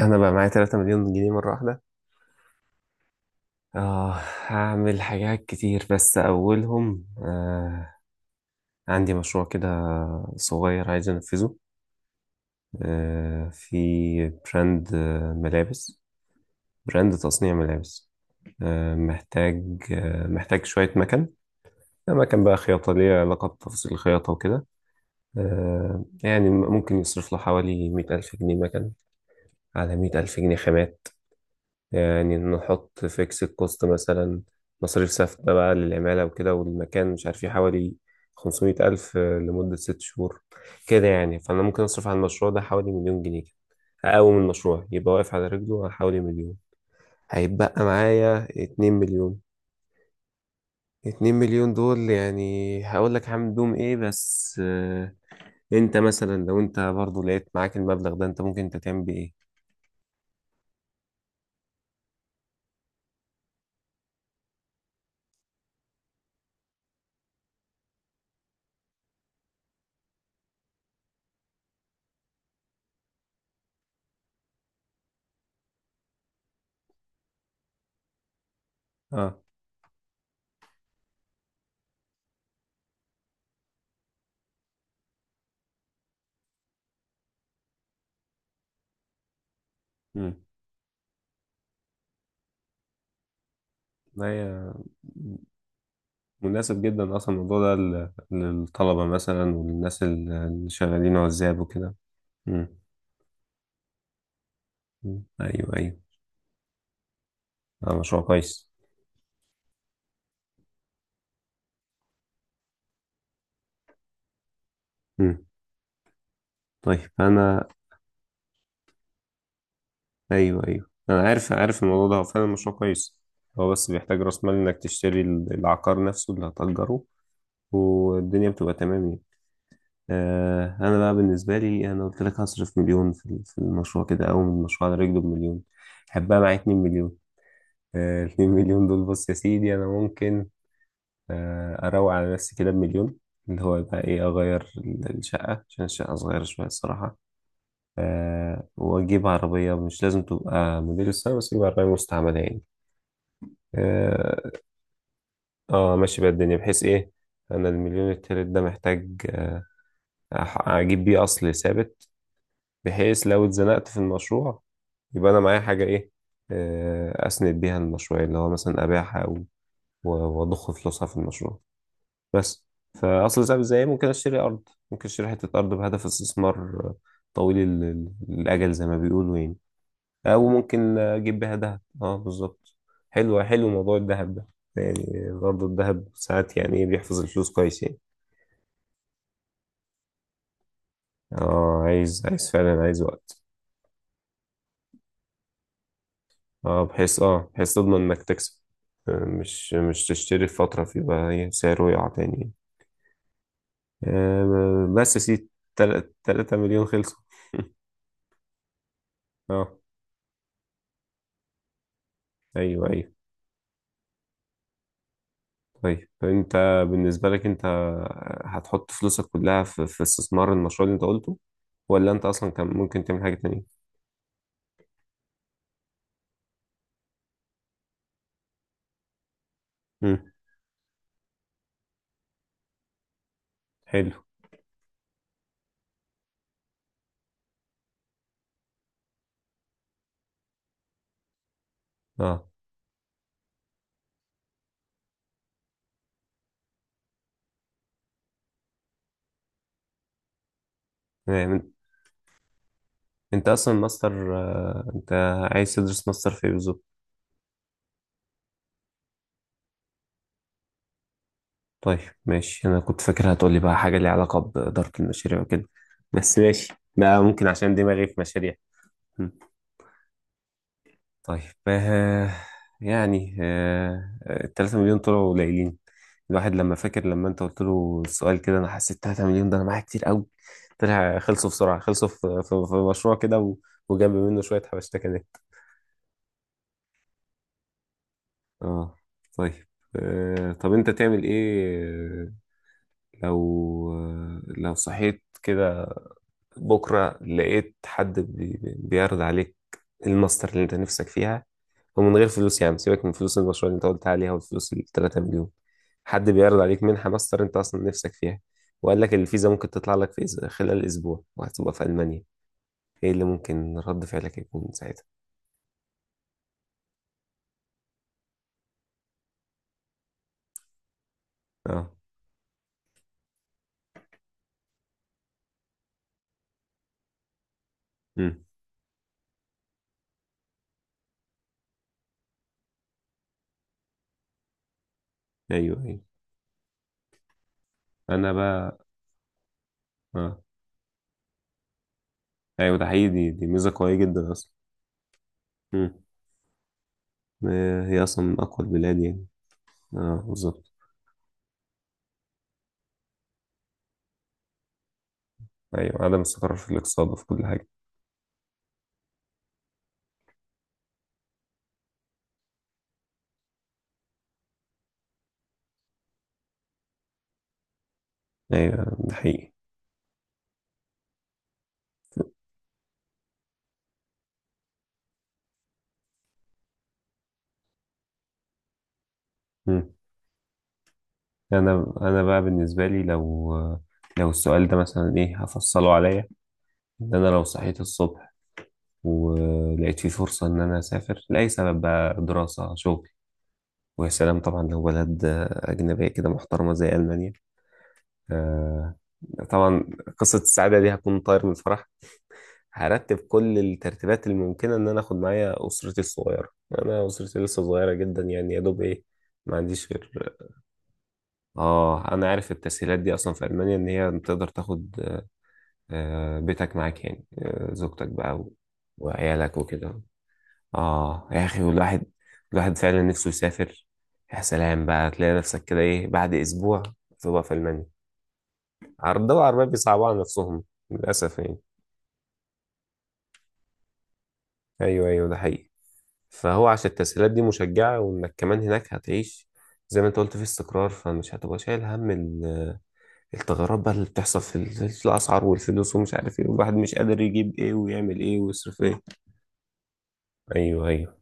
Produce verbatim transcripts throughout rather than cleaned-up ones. انا بقى معايا 3 مليون جنيه مره واحده. اه. هعمل حاجات كتير بس اولهم، آه عندي مشروع كده صغير عايز انفذه، آه في براند، آه، ملابس، براند تصنيع ملابس. آه محتاج آه محتاج شويه مكن، مكن بقى خياطه ليها علاقه بتفاصيل الخياطه وكده. آه يعني ممكن يصرف له حوالي مائة ألف جنيه مكن، على مية ألف جنيه خامات، يعني نحط فيكس الكوست مثلا. مصاريف ثابتة بقى للعمالة وكده والمكان، مش عارف ايه، حوالي خمسمية ألف لمدة ست شهور، كده يعني. فأنا ممكن أصرف على المشروع ده حوالي مليون جنيه، كده أقوم المشروع يبقى واقف على رجله على حوالي مليون. هيتبقى معايا اتنين مليون. اتنين مليون دول يعني هقول لك هعمل بيهم ايه، بس آه، انت مثلا لو انت برضو لقيت معاك المبلغ ده، انت ممكن انت تعمل بيه ايه؟ اه. امم مناسب جدا اصلا الموضوع ده لل- للطلبة مثلا وللناس ال- اللي شغالين عزاب وكده. مم. مم. ايوه ايوه. ده مشروع كويس. مم. طيب انا. ايوه ايوه، انا عارف عارف الموضوع ده هو فعلا مشروع كويس. هو بس بيحتاج راس مال انك تشتري ال- العقار نفسه اللي هتأجره، والدنيا بتبقى تمام يعني. آه. انا بقى بالنسبة لي، انا قلت لك هصرف مليون في ال- في المشروع كده، او من المشروع على رجله بمليون. حبها معايا 2 مليون. آه، 2 مليون دول، بص يا سيدي انا ممكن آه، اروق على نفسي كده بمليون، اللي هو يبقى ايه، اغير ال- الشقه عشان الشقه صغيره شويه الصراحه. أه، واجيب عربيه مش لازم تبقى موديل السنه، بس اجيب عربيه مستعمله يعني. اه. آه، ماشي بقى الدنيا، بحيث ايه، انا المليون التالت ده محتاج آه، أح- اجيب بيه اصل ثابت، بحيث لو اتزنقت في المشروع يبقى انا معايا حاجه ايه، آه، اسند بيها المشروع، اللي هو مثلا ابيعها او و- واضخ فلوسها في المشروع. بس. فاصل صعب ازاي، ممكن اشتري ارض، ممكن اشتري حته ارض بهدف استثمار طويل ال- ال- الاجل زي ما بيقولوا يعني، او ممكن اجيب بيها ذهب. اه، بالظبط. حلو حلو، موضوع الذهب ده يعني برضه الذهب ساعات يعني إيه، بيحفظ الفلوس كويس يعني. اه، عايز عايز فعلا، عايز وقت. اه، بحيث اه بحيث تضمن انك تكسب، آه، مش مش تشتري في فترة فيبقى إيه سعره يقع تاني يعني. آه، بس يا سيدي، تلاتة تلاتة مليون خلصوا. اه. ايوه ايوه. طيب، انت بالنسبة لك، انت هتحط فلوسك كلها في, في استثمار المشروع اللي انت قلته، ولا انت اصلا كان ممكن تعمل حاجة تانية؟ امم. حلو. اه. تمام. انت انت اصلا ماستر، آه، انت عايز تدرس ماستر في ايه بالظبط؟ طيب ماشي. انا كنت فاكر هتقولي بقى حاجة ليها علاقة بإدارة المشاريع وكده، بس ماشي، ما ممكن عشان دماغي في مشاريع. طيب. آه. يعني آه التلاتة مليون طلعوا قليلين، الواحد لما فاكر لما انت قلت له السؤال كده، انا حسيت 3 مليون ده انا معايا كتير قوي. طلع خلصوا بسرعة، خلصوا في, في, في مشروع كده و- وجنب منه شوية حبشتكنات. اه. طيب. آه. طب انت تعمل ايه لو، آه، لو صحيت كده بكرة لقيت حد بي- بيعرض عليك الماستر اللي انت نفسك فيها، ومن غير فلوس يعني، سيبك من فلوس المشروع اللي انت قلت عليها والفلوس ال 3 مليون، حد بيعرض عليك منحة ماستر انت اصلا نفسك فيها، وقال لك الفيزا ممكن تطلع لك في إز- خلال اسبوع وهتبقى في المانيا. ايه اللي ممكن رد فعلك يكون ساعتها؟ اه. امم. ايوه ايوه. انا بقى. اه. ايوه، ده حقيقي، دي, دي ميزة قوية جدا اصلا. امم. آه، هي اصلا من اقوى البلاد يعني. اه بالظبط. ايوه، عدم استقرار في الاقتصاد وفي كل حاجة. ايوه ده حقيقي. مم. انا انا بقى بالنسبه لي لو، لو السؤال ده مثلا ايه هفصله عليا، ان انا لو صحيت الصبح ولقيت في فرصه ان انا اسافر لاي سبب بقى، دراسه شغل، ويا سلام طبعا، لو بلد اجنبيه كده محترمه زي المانيا. آه، طبعا، قصه السعاده دي هكون طاير من الفرح، هرتب كل الترتيبات الممكنه ان انا اخد معايا اسرتي الصغيره. انا اسرتي لسه صغيره جدا يعني، يا دوب ايه، ما عنديش غير. اه، انا عارف التسهيلات دي اصلا في المانيا، ان هي تقدر تاخد آه، بيتك معاك يعني، آه، زوجتك بقى و- وعيالك وكده. اه يا اخي، والواحد الواحد فعلا نفسه يسافر. يا سلام بقى، تلاقي نفسك كده ايه بعد اسبوع تبقى في المانيا. عر- الدول العربيه بيصعبوا على نفسهم للاسف يعني. ايوه ايوه ده حقيقي. فهو عشان التسهيلات دي مشجعه، وانك كمان هناك هتعيش زي ما انت قلت في استقرار، فمش هتبقى شايل هم الثغرات بقى اللي بتحصل في ال- في الأسعار والفلوس ومش عارف ايه، والواحد مش قادر يجيب ايه ويعمل ايه ويصرف ايه. ايوه ايوه.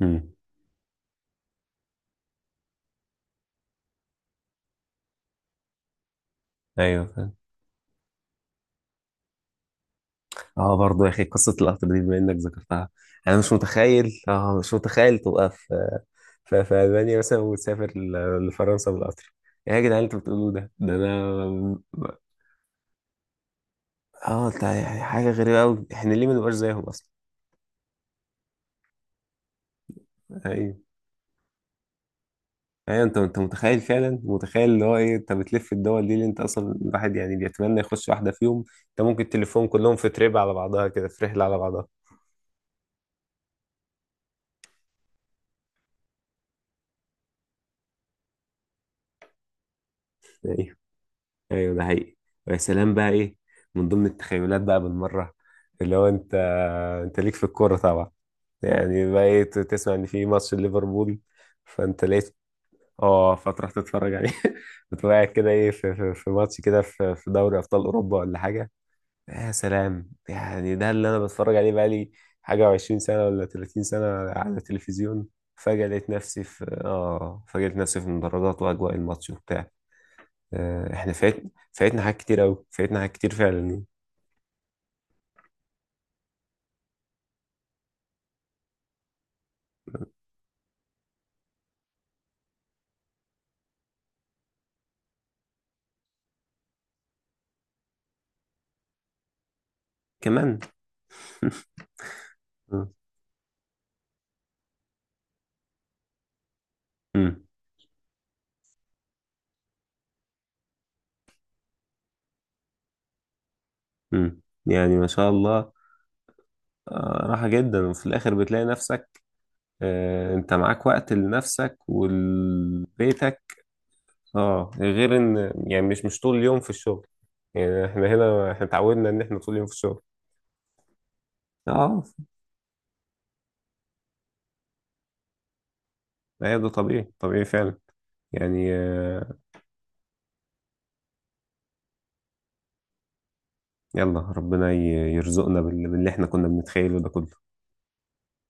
امم. ايوه فاهم. اه برضه يا اخي، قصة القطر دي بما انك ذكرتها، انا مش متخيل، اه مش متخيل تبقى في في, في ألمانيا مثلا وتسافر ل- لفرنسا بالقطر. ايه يا جدعان اللي انتوا بتقولوه ده، ده انا. اه، ده حاجة غريبة قوي، احنا ليه ما نبقاش زيهم اصلا؟ ايوه ايوه، انت انت متخيل فعلا، متخيل اللي هو ايه، انت بتلف الدول دي اللي انت اصلا الواحد يعني بيتمنى يخش واحده فيهم. انت ممكن تلفهم كلهم في تريب على بعضها كده، في رحله على بعضها. ايوه ايوه ده حقيقي. ويا سلام بقى ايه، من ضمن التخيلات بقى بالمره، اللي هو انت انت ليك في الكوره طبعا، يعني بقى ايه، ت- تسمع ان في ماتش ليفربول، فانت لقيت. اه، فتروح تتفرج عليه. بتبقى قاعد كده ايه في, في, في ماتش كده في, في دوري ابطال اوروبا ولا حاجه. يا سلام يعني، ده اللي انا بتفرج عليه بقالي حاجة وعشرين سنة ولا تلاتين سنة على التلفزيون، فجأة لقيت نفسي في، اه فجأة لقيت نفسي في المدرجات واجواء الماتش وبتاع. آه، احنا فات، فاتنا حاجات كتير اوي، فاتنا حاجات كتير فعلا. كمان. مم. مم. مم. يعني ما شاء الله. آه، راحة جدا، وفي الآخر بتلاقي نفسك آه، أنت معاك وقت لنفسك ولبيتك. اه، غير ان يعني مش مش طول اليوم في الشغل، يعني احنا هنا احنا اتعودنا ان احنا طول اليوم في الشغل. اه، ايوه ده طبيعي طبيعي فعلا، يعني آه، يلا ربنا ي- يرزقنا بال- باللي احنا كنا بنتخيله ده كله.